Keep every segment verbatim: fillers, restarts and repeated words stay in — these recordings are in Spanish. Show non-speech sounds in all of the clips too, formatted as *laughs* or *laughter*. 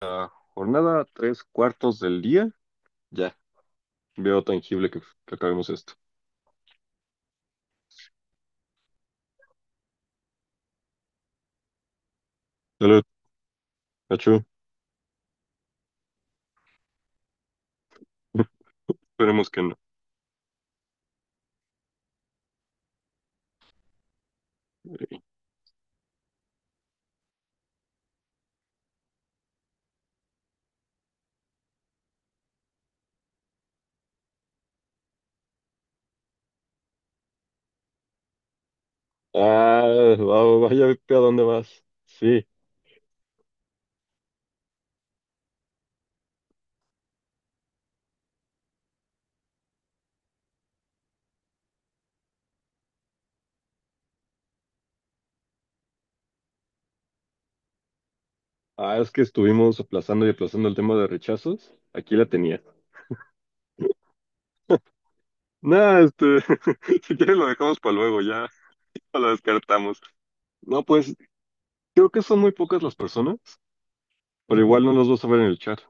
La jornada tres cuartos del día, ya veo tangible que, que acabemos esto. Salud, Nacho. *laughs* Esperemos que no. Ah, va- vaya, ¿a dónde vas? Sí. Ah, es que estuvimos aplazando y aplazando el tema de rechazos. Aquí la tenía. Nah, este, *laughs* si quieres lo dejamos para luego, ya *laughs* lo descartamos. No, pues creo que son muy pocas las personas, pero igual no los vas a ver en el chat,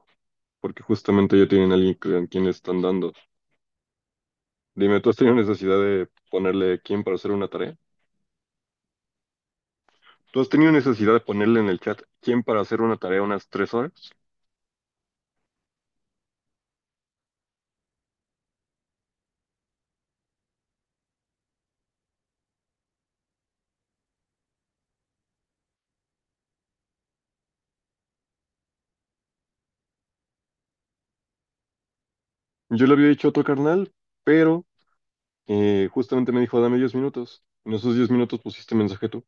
porque justamente ya tienen a alguien que- a quien le están dando. Dime, ¿tú has tenido necesidad de ponerle quién para hacer una tarea? ¿Tú has tenido necesidad de ponerle en el chat quién para hacer una tarea unas tres horas? Yo le había dicho a otro carnal, pero eh, justamente me dijo, dame diez minutos. En esos diez minutos pusiste mensaje tú.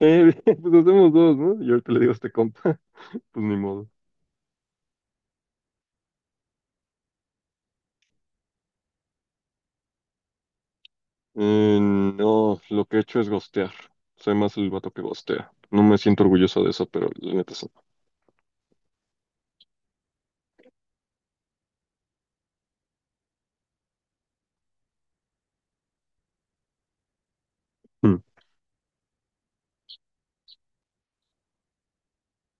Eh, *laughs* pues hacemos dos, ¿no? Y ahorita le digo a este compa, *laughs* pues ni modo. Eh, no, lo que he hecho es gostear. Soy más el vato que gostea. No me siento orgulloso de eso, pero la neta sí. Mm.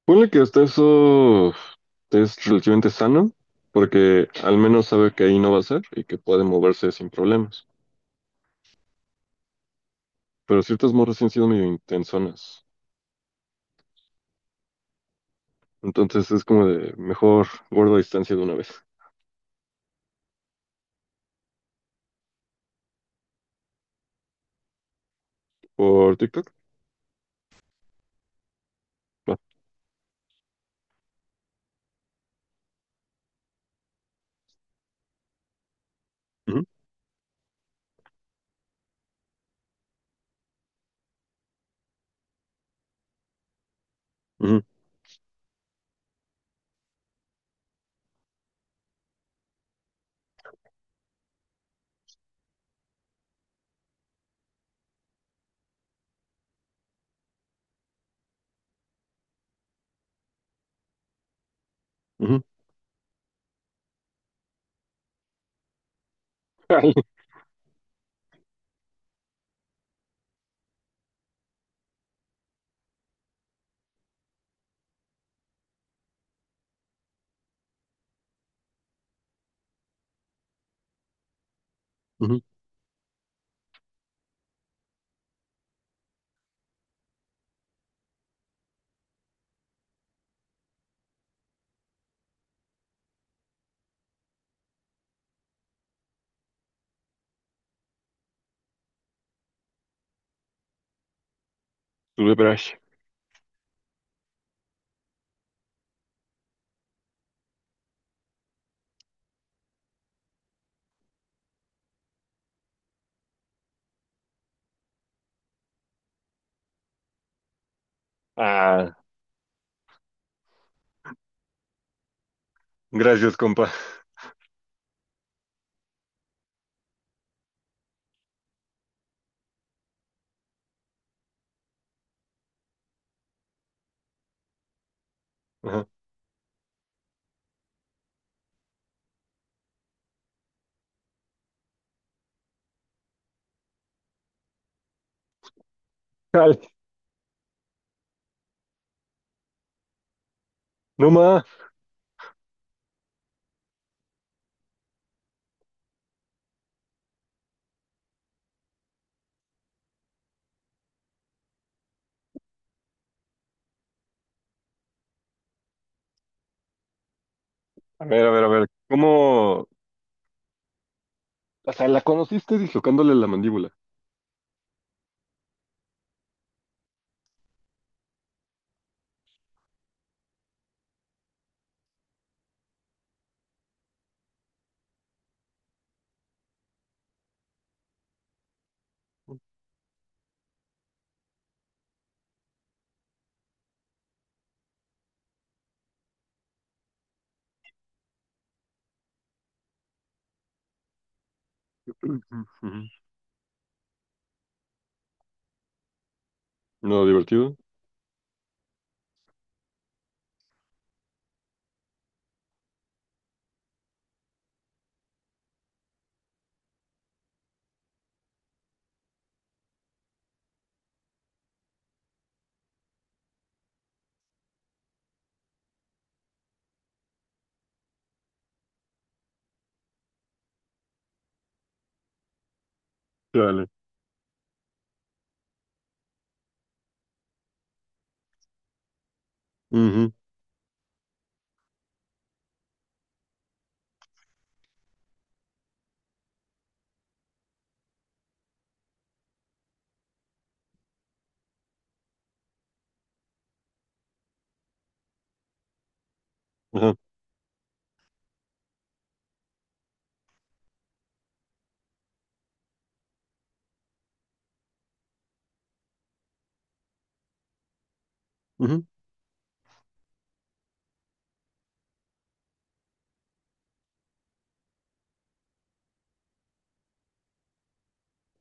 Ponle que hasta eso es relativamente sano, porque al menos sabe que ahí no va a ser y que puede moverse sin problemas. Pero ciertas morras sí han sido medio intensonas. Entonces es como de mejor guardo distancia de una vez. ¿Por TikTok? Va. Ujú, ujú, ujú. *laughs* Ay, ujú. Tuve brush. Ah, gracias, compa. Ajá. Ay, no más. A ver, a ver, a ver. ¿Cómo? O sea, la conociste dislocándole la mandíbula. Ujú, ujú. No, divertido. Dale.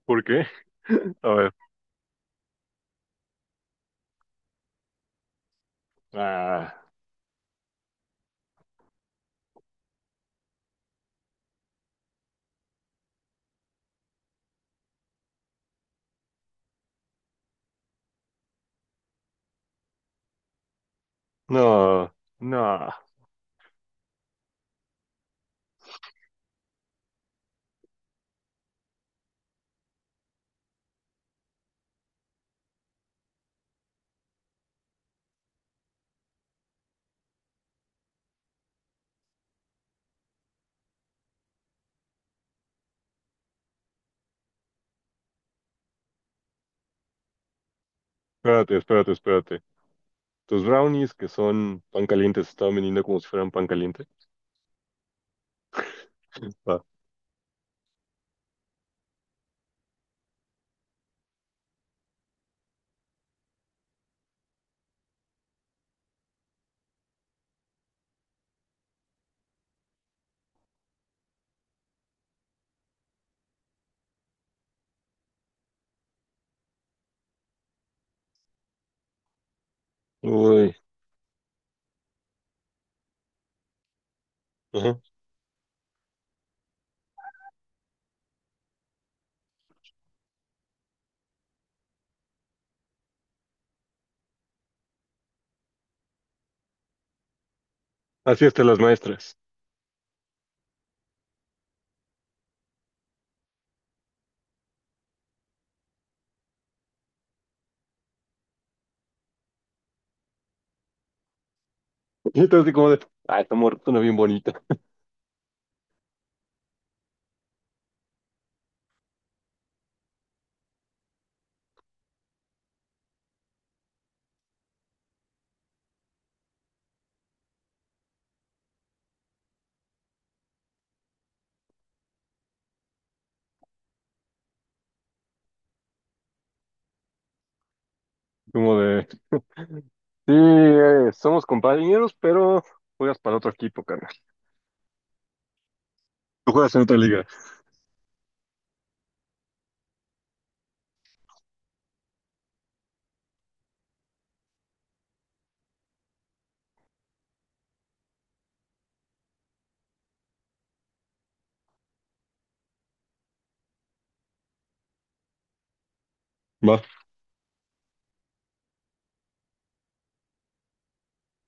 ¿Por qué? A ver. Ah, no, no. Espérate, espérate, espérate. Tus brownies, que son pan caliente, se estaban vendiendo como si fueran pan caliente. Va. Uy. Ajá. Así están las maestras. *laughs* Y entonces así como de, ah, esta mujer suena bien bonita. Como de, sí, eh, somos compañeros, pero juegas para otro equipo, carnal. Tú juegas en otra liga. Va.